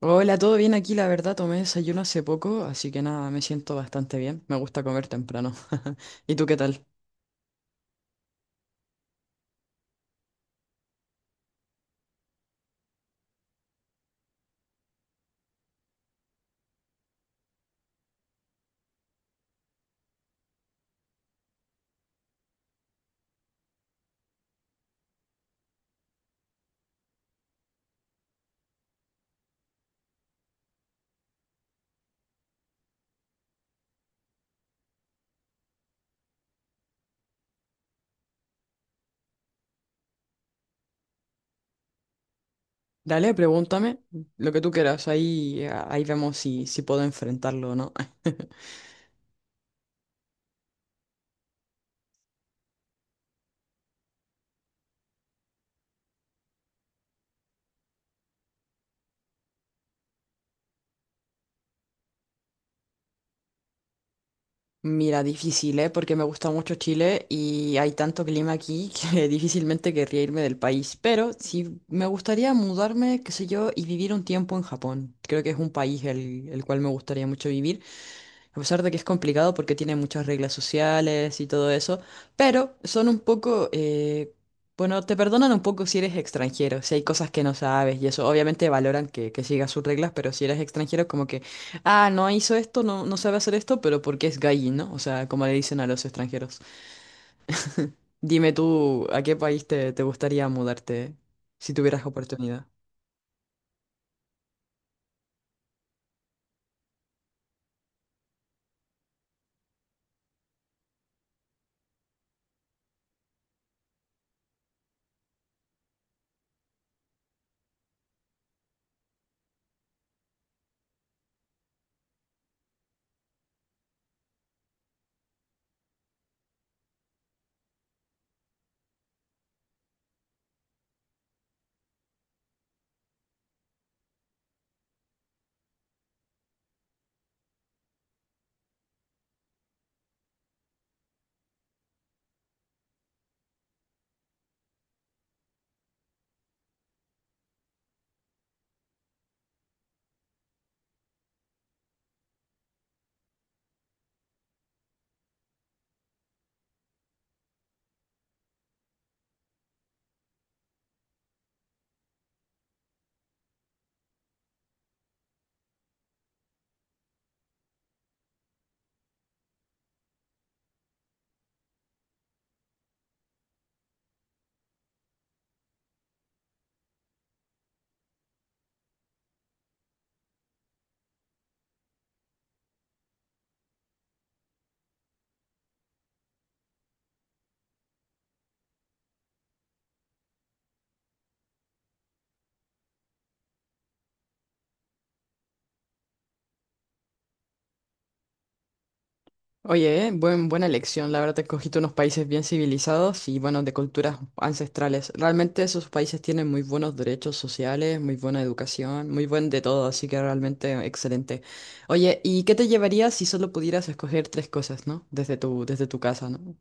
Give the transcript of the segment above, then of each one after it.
Hola, todo bien aquí, la verdad, tomé desayuno hace poco, así que nada, me siento bastante bien. Me gusta comer temprano. ¿Y tú qué tal? Dale, pregúntame lo que tú quieras, ahí vemos si puedo enfrentarlo o no. Mira, difícil, ¿eh? Porque me gusta mucho Chile y hay tanto clima aquí que difícilmente querría irme del país. Pero sí me gustaría mudarme, qué sé yo, y vivir un tiempo en Japón. Creo que es un país el cual me gustaría mucho vivir. A pesar de que es complicado porque tiene muchas reglas sociales y todo eso, pero son un poco, bueno, te perdonan un poco si eres extranjero, si hay cosas que no sabes y eso. Obviamente valoran que sigas sus reglas, pero si eres extranjero, como que, ah, no hizo esto, no sabe hacer esto, pero porque es gay, ¿no? O sea, como le dicen a los extranjeros. Dime tú, ¿a qué país te gustaría mudarte si tuvieras oportunidad? Oye, buena elección. La verdad, te escogiste unos países bien civilizados y, bueno, de culturas ancestrales. Realmente esos países tienen muy buenos derechos sociales, muy buena educación, muy buen de todo, así que realmente excelente. Oye, ¿y qué te llevarías si solo pudieras escoger tres cosas, ¿no? Desde tu casa, ¿no?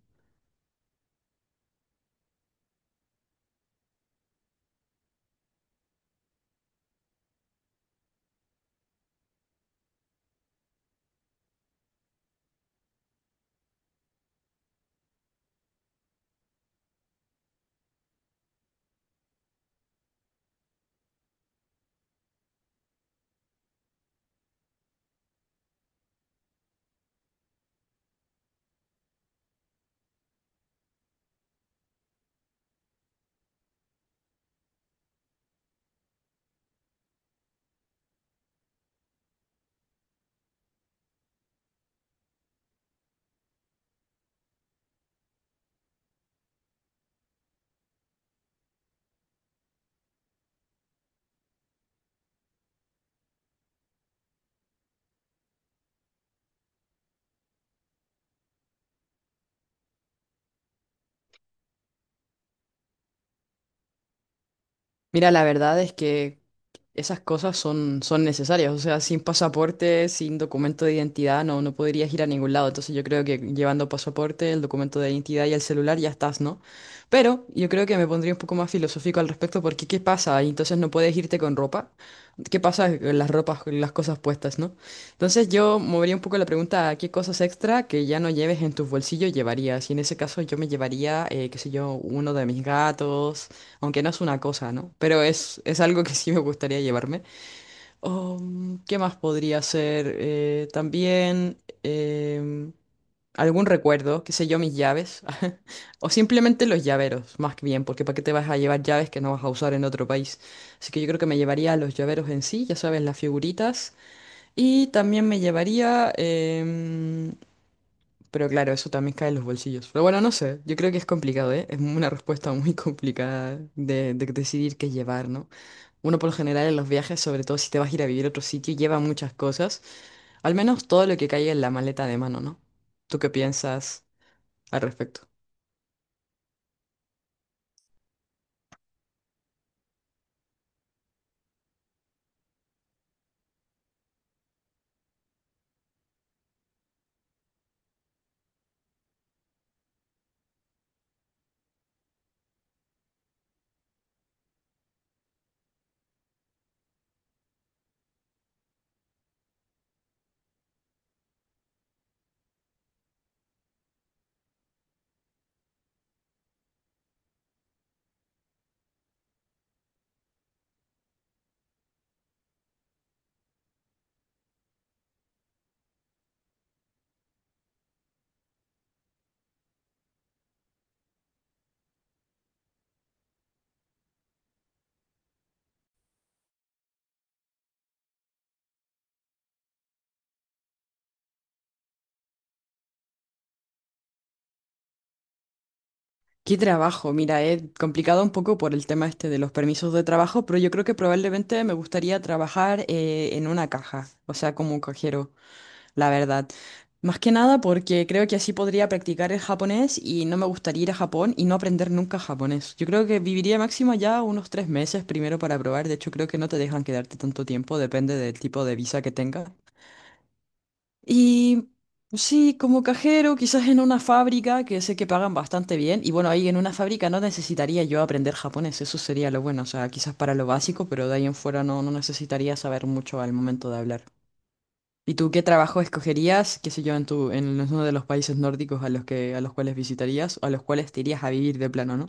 Mira, la verdad es que esas cosas son necesarias. O sea, sin pasaporte, sin documento de identidad, no podrías ir a ningún lado. Entonces yo creo que llevando pasaporte, el documento de identidad y el celular ya estás, ¿no? Pero yo creo que me pondría un poco más filosófico al respecto porque ¿qué pasa? Y entonces no puedes irte con ropa. ¿Qué pasa con las ropas, con las cosas puestas, ¿no? Entonces yo movería un poco la pregunta a qué cosas extra que ya no lleves en tus bolsillos llevarías. Y en ese caso yo me llevaría, qué sé yo, uno de mis gatos. Aunque no es una cosa, ¿no? Pero es algo que sí me gustaría llevarme. ¿Qué más podría ser? También em, algún recuerdo, qué sé yo, mis llaves. O simplemente los llaveros, más que bien, porque ¿para qué te vas a llevar llaves que no vas a usar en otro país? Así que yo creo que me llevaría los llaveros en sí, ya sabes, las figuritas. Y también me llevaría, pero claro, eso también cae en los bolsillos. Pero bueno, no sé, yo creo que es complicado, ¿eh? Es una respuesta muy complicada de decidir qué llevar, ¿no? Uno por lo general en los viajes, sobre todo si te vas a ir a vivir a otro sitio, lleva muchas cosas, al menos todo lo que caiga en la maleta de mano, ¿no? ¿Tú qué piensas al respecto? ¿Qué trabajo? Mira, he complicado un poco por el tema este de los permisos de trabajo, pero yo creo que probablemente me gustaría trabajar en una caja, o sea, como un cajero, la verdad. Más que nada porque creo que así podría practicar el japonés y no me gustaría ir a Japón y no aprender nunca japonés. Yo creo que viviría máximo ya unos 3 meses primero para probar. De hecho, creo que no te dejan quedarte tanto tiempo, depende del tipo de visa que tengas. Y sí, como cajero, quizás en una fábrica que sé que pagan bastante bien. Y bueno, ahí en una fábrica no necesitaría yo aprender japonés, eso sería lo bueno. O sea, quizás para lo básico, pero de ahí en fuera no necesitaría saber mucho al momento de hablar. ¿Y tú qué trabajo escogerías, qué sé yo, en uno de los países nórdicos a los que, a los cuales visitarías o a los cuales te irías a vivir de plano, ¿no?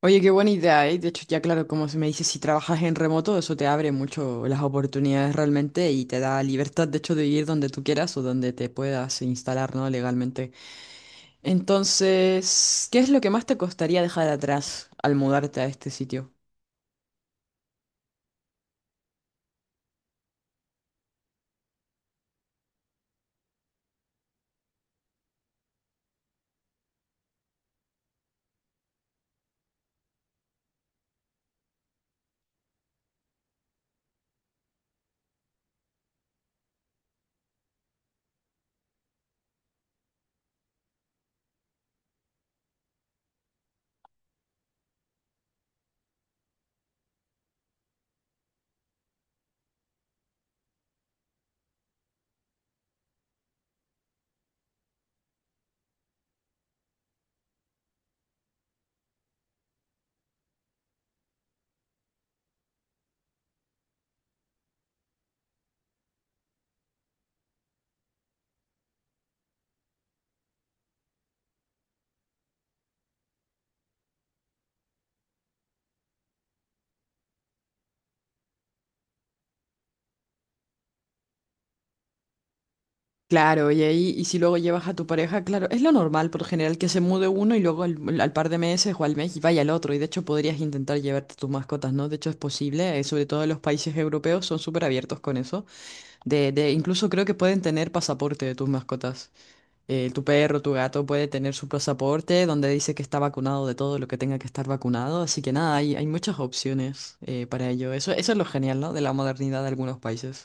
Oye, qué buena idea, ¿eh? De hecho, ya claro, como se me dice, si trabajas en remoto, eso te abre mucho las oportunidades realmente y te da libertad, de hecho, de vivir donde tú quieras o donde te puedas instalar, ¿no? Legalmente. Entonces, ¿qué es lo que más te costaría dejar atrás al mudarte a este sitio? Claro, y ahí, y si luego llevas a tu pareja, claro, es lo normal por lo general que se mude uno y luego al par de meses o al mes y vaya el otro. Y de hecho podrías intentar llevarte tus mascotas, ¿no? De hecho es posible, sobre todo en los países europeos son súper abiertos con eso. Incluso creo que pueden tener pasaporte de tus mascotas. Tu perro, tu gato puede tener su pasaporte donde dice que está vacunado de todo lo que tenga que estar vacunado. Así que nada, hay muchas opciones para ello. Eso es lo genial, ¿no? De la modernidad de algunos países.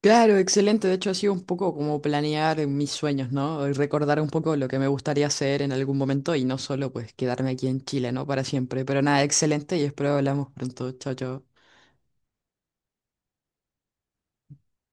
Claro, excelente. De hecho, ha sido un poco como planear mis sueños, ¿no? Y recordar un poco lo que me gustaría hacer en algún momento y no solo pues quedarme aquí en Chile, ¿no? Para siempre. Pero nada, excelente y espero hablamos pronto. Chao, chao.